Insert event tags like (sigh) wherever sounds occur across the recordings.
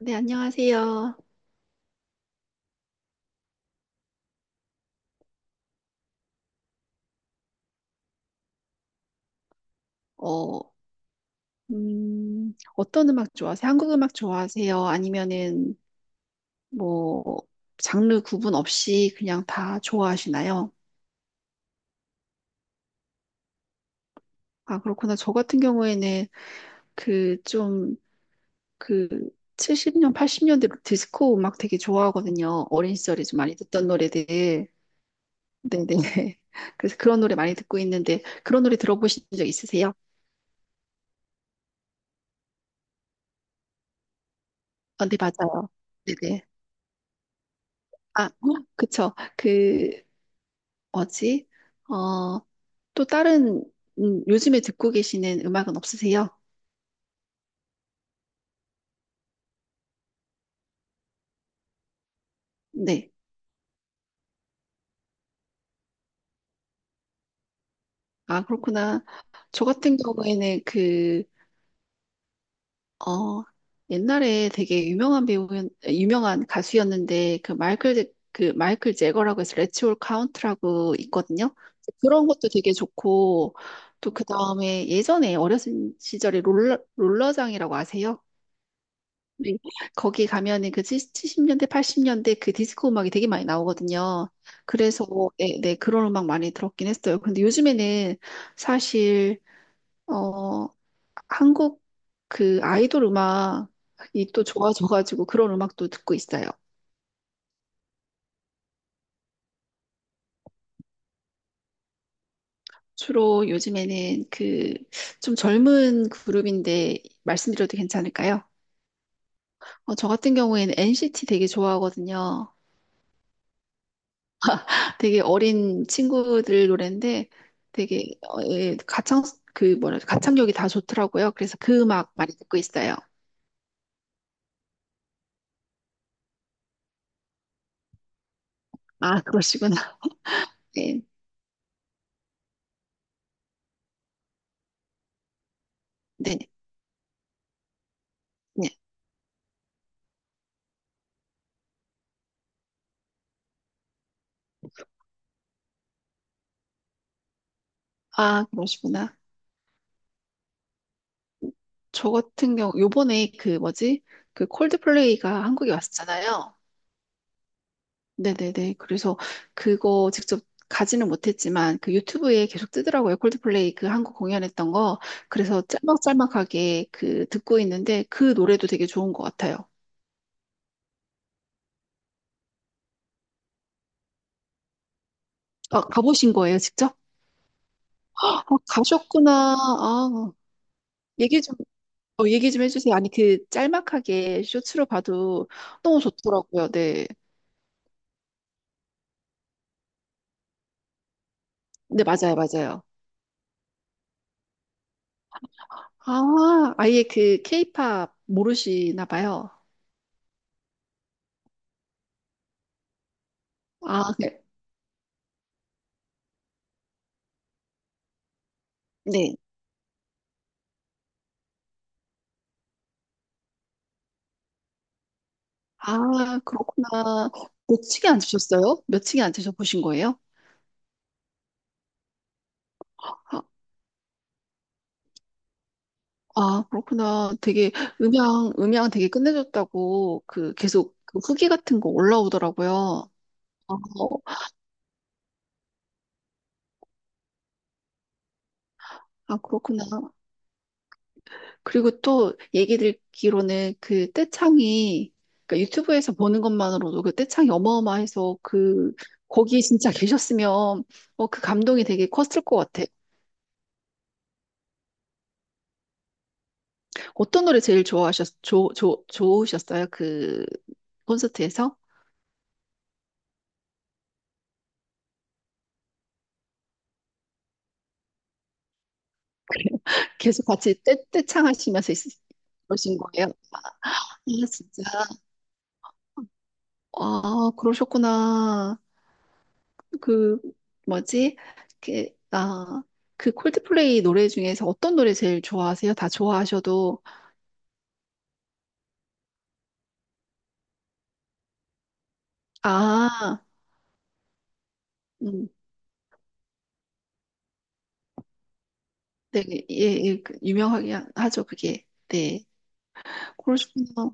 네, 안녕하세요. 어, 어떤 음악 좋아하세요? 한국 음악 좋아하세요? 아니면은 뭐 장르 구분 없이 그냥 다 좋아하시나요? 아, 그렇구나. 저 같은 경우에는 그 좀 그 70년, 80년대 디스코 음악 되게 좋아하거든요. 어린 시절에 좀 많이 듣던 노래들. 네네. (laughs) 그래서 그런 노래 많이 듣고 있는데 그런 노래 들어보신 적 있으세요? 아, 네, 맞아요. 네네. 아, 그쵸. 그 뭐지? 어, 또 다른 요즘에 듣고 계시는 음악은 없으세요? 네. 아, 그렇구나. 저 같은 경우에는 어, 옛날에 되게 유명한 배우, 유명한 가수였는데, 그 마이클, 그 마이클 제거라고 해서 레츠 올 카운트라고 있거든요. 그런 것도 되게 좋고, 또 그 다음에 예전에 어렸을 시절에 롤러장이라고 아세요? 네. 거기 가면은 그 70년대, 80년대 그 디스코 음악이 되게 많이 나오거든요. 그래서 네, 네, 그런 음악 많이 들었긴 했어요. 근데 요즘에는 사실 어 한국 그 아이돌 음악이 또 좋아져가지고 그런 음악도 듣고 있어요. 주로 요즘에는 그 좀 젊은 그룹인데 말씀드려도 괜찮을까요? 저 같은 경우에는 NCT 되게 좋아하거든요. 되게 어린 친구들 노래인데 되게 예, 가창 그 뭐라 그러지? 가창력이 다 좋더라고요. 그래서 그 음악 많이 듣고 있어요. 아, 그러시구나. (laughs) 네, 네, 네. 아, 그러시구나. 저 같은 경우 요번에 그 뭐지? 그 콜드플레이가 한국에 왔었잖아요. 네네네. 그래서 그거 직접 가지는 못했지만 그 유튜브에 계속 뜨더라고요. 콜드플레이 그 한국 공연했던 거. 그래서 짤막짤막하게 그 듣고 있는데 그 노래도 되게 좋은 것 같아요. 아, 가보신 거예요, 직접? 아, 가셨구나. 아, 얘기 좀, 얘기 좀 해주세요. 아니, 그 짤막하게 쇼츠로 봐도 너무 좋더라고요. 네. 네, 맞아요, 맞아요. 아, 아예 그 케이팝 모르시나 봐요. 아, 네. 네. 아, 그렇구나. 몇 층에 앉으셨어요? 몇 층에 앉으셔 보신 거예요? 아, 아, 그렇구나. 되게 음향 되게 끝내줬다고 그 계속 그 후기 같은 거 올라오더라고요. 아, 아, 그렇구나. 그리고 또 얘기 듣기로는 그 떼창이 그러니까 유튜브에서 보는 것만으로도 그 떼창이 어마어마해서 그 거기 진짜 (laughs) 계셨으면 그 감동이 되게 컸을 것 같아. 어떤 노래 제일 좋아하셨 좋 좋 좋으셨어요? 그 콘서트에서 (laughs) 계속 같이 떼 떼창하시면서 그러신 거예요? 아 진짜 아 그러셨구나. 그 뭐지? 그, 아, 그 콜드플레이 노래 중에서 어떤 노래 제일 좋아하세요? 다 좋아하셔도 아, 음, 네, 예, 예, 그 유명하게 하죠 그게. 네, 그러시구나.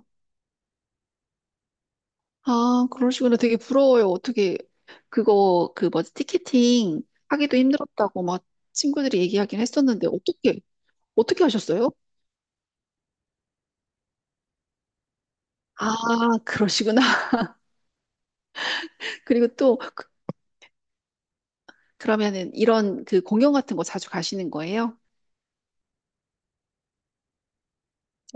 아, 그러시구나. 되게 부러워요. 어떻게 그거 그 뭐지 티켓팅 하기도 힘들었다고 막 친구들이 얘기하긴 했었는데 어떻게 하셨어요? 아, 그러시구나. (laughs) 그리고 또 그러면은 이런 그 공연 같은 거 자주 가시는 거예요?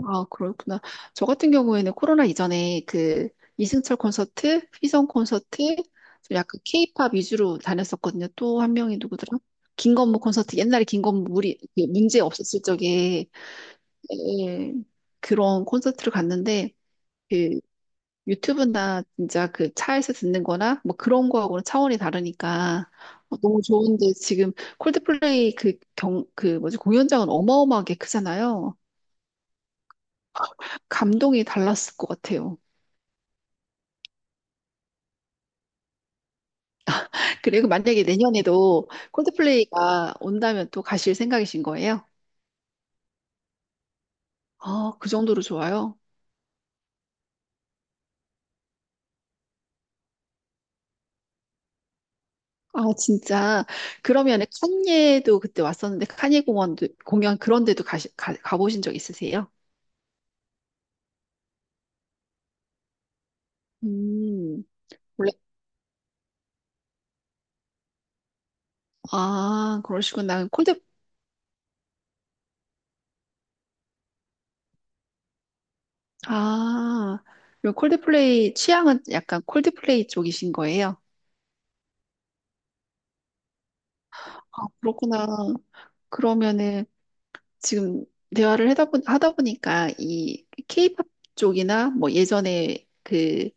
아, 그렇구나. 저 같은 경우에는 코로나 이전에 그 이승철 콘서트, 휘성 콘서트, 좀 약간 케이팝 위주로 다녔었거든요. 또 한 명이 누구더라? 김건모 콘서트, 옛날에 김건모 우리 그 문제 없었을 적에 예, 그런 콘서트를 갔는데 그 유튜브나 진짜 그 차에서 듣는 거나 뭐 그런 거하고는 차원이 다르니까 너무 좋은데 지금 콜드플레이 그 뭐지 공연장은 어마어마하게 크잖아요. 감동이 달랐을 것 같아요. 그리고 만약에 내년에도 콜드플레이가 온다면 또 가실 생각이신 거예요? 아, 그 정도로 좋아요? 아, 진짜. 그러면 칸예도 그때 왔었는데 칸예 공원도 공연 그런 데도 가보신 적 있으세요? 음, 원래 아, 그러시구나. 콜드 아, 그럼 콜드플레이 취향은 약간 콜드플레이 쪽이신 거예요? 아, 그렇구나. 그러면은 지금 대화를 하다 보니까 이 케이팝 쪽이나 뭐 예전에 그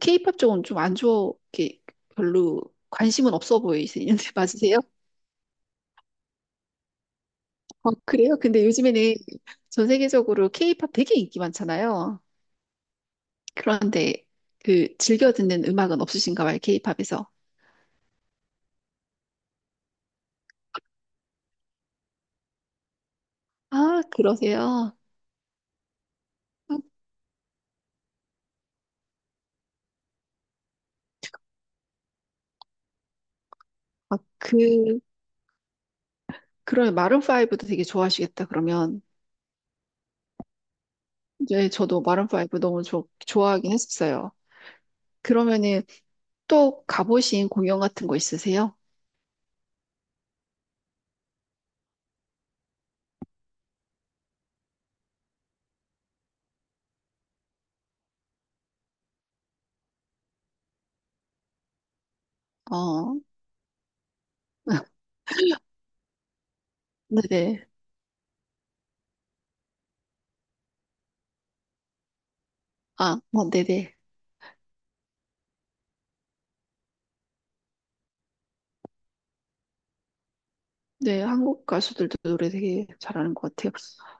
케이팝 쪽은 좀 안 좋게 별로 관심은 없어 보이시는데 (laughs) 맞으세요? 어, 그래요? 근데 요즘에는 전 세계적으로 케이팝 되게 인기 많잖아요. 그런데 그 즐겨 듣는 음악은 없으신가 봐요, 케이팝에서. 아, 그러세요? 아, 그, 그런 마룬 브도 되게 좋아하시겠다, 그러면. 네, 저도 마룬 파이브 너무 좋 좋아하긴 했었어요. 그러면은 또 가보신 공연 같은 거 있으세요? 어, (laughs) 네네. 아, 어, 네네. 네, 한국 가수들도 노래 되게 잘하는 것 같아요.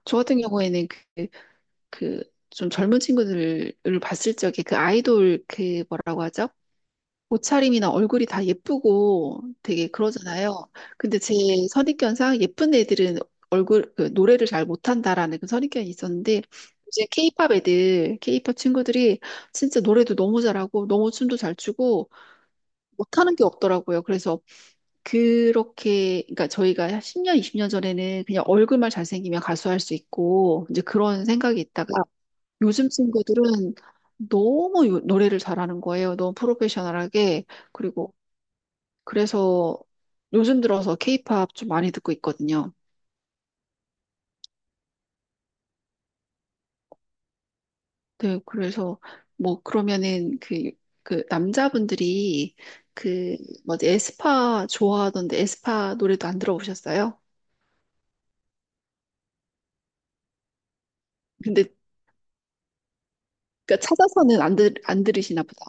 저 같은 경우에는 그, 그 좀 젊은 친구들을 봤을 적에 그 아이돌 그 뭐라고 하죠? 옷차림이나 얼굴이 다 예쁘고 되게 그러잖아요. 근데 제 선입견상 예쁜 애들은 그 노래를 잘 못한다라는 그 선입견이 있었는데 이제 케이팝 애들, 케이팝 친구들이 진짜 노래도 너무 잘하고 너무 춤도 잘 추고 못하는 게 없더라고요. 그래서 그렇게, 그러니까 저희가 10년, 20년 전에는 그냥 얼굴만 잘생기면 가수할 수 있고, 이제 그런 생각이 있다가 요즘 친구들은 너무 노래를 잘하는 거예요. 너무 프로페셔널하게. 그리고 그래서 요즘 들어서 케이팝 좀 많이 듣고 있거든요. 네, 그래서 뭐 그러면은 그, 그 남자분들이 그 뭐지 에스파 좋아하던데 에스파 노래도 안 들어보셨어요? 근데 그러니까 찾아서는 안 들으시나 보다.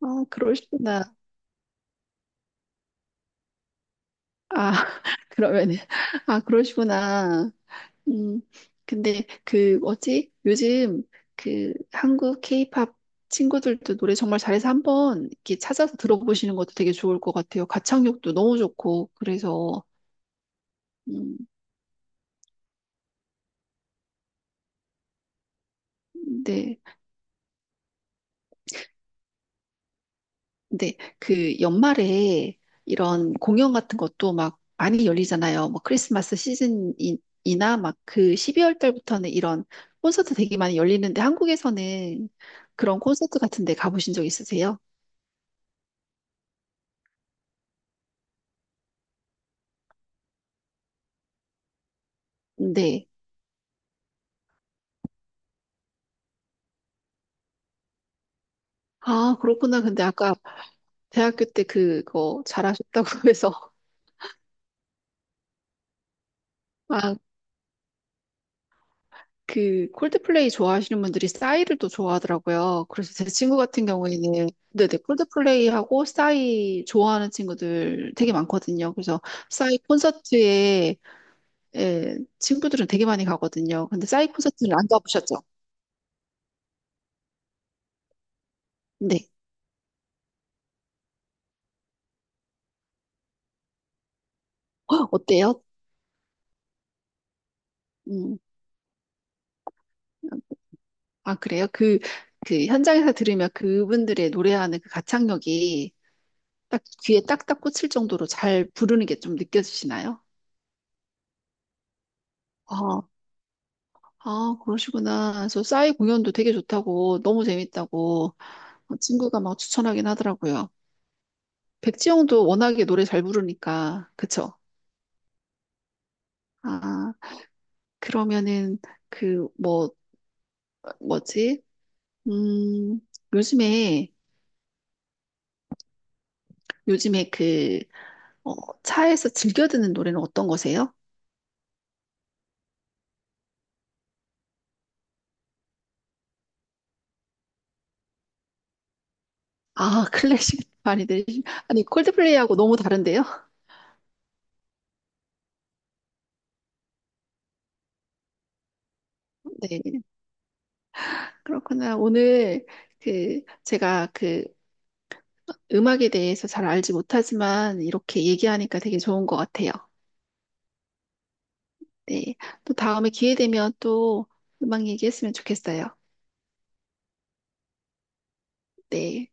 아, 그러시구나. 아, (laughs) 그러면은, 아, 그러시구나. 음, 근데 그, 뭐지? 요즘 그 한국 케이팝 친구들도 노래 정말 잘해서 한번 이렇게 찾아서 들어보시는 것도 되게 좋을 것 같아요. 가창력도 너무 좋고, 그래서, 음, 네. 근데 그 연말에 이런 공연 같은 것도 막 많이 열리잖아요. 뭐 크리스마스 시즌이나 막 그 12월 달부터는 이런 콘서트 되게 많이 열리는데 한국에서는 그런 콘서트 같은 데 가보신 적 있으세요? 네. 아, 그렇구나. 근데 아까 대학교 때 그거 잘하셨다고 (laughs) 해서 아, 그 콜드플레이 좋아하시는 분들이 싸이를 또 좋아하더라고요. 그래서 제 친구 같은 경우에는 네네 콜드플레이하고 싸이 좋아하는 친구들 되게 많거든요. 그래서 싸이 콘서트에 예, 친구들은 되게 많이 가거든요. 근데 싸이 콘서트는 안 가보셨죠? 네. (gasps) 어때요? 음. 아, 그래요? 그, 그 현장에서 들으면 그분들의 노래하는 그 가창력이 딱 귀에 딱딱 꽂힐 정도로 잘 부르는 게 좀 느껴지시나요? 아, 아, 그러시구나. 저 싸이 공연도 되게 좋다고, 너무 재밌다고 친구가 막 추천하긴 하더라고요. 백지영도 워낙에 노래 잘 부르니까, 그쵸? 아, 그러면은 그 뭐지? 음, 요즘에, 요즘에 어, 차에서 즐겨 듣는 노래는 어떤 거세요? 아, (laughs) 클래식 많이 들으시, 아니, 콜드플레이하고 너무 다른데요? (laughs) 네, 그렇구나. 오늘 그, 제가 그 음악에 대해서 잘 알지 못하지만 이렇게 얘기하니까 되게 좋은 것 같아요. 네. 또 다음에 기회 되면 또 음악 얘기했으면 좋겠어요. 네.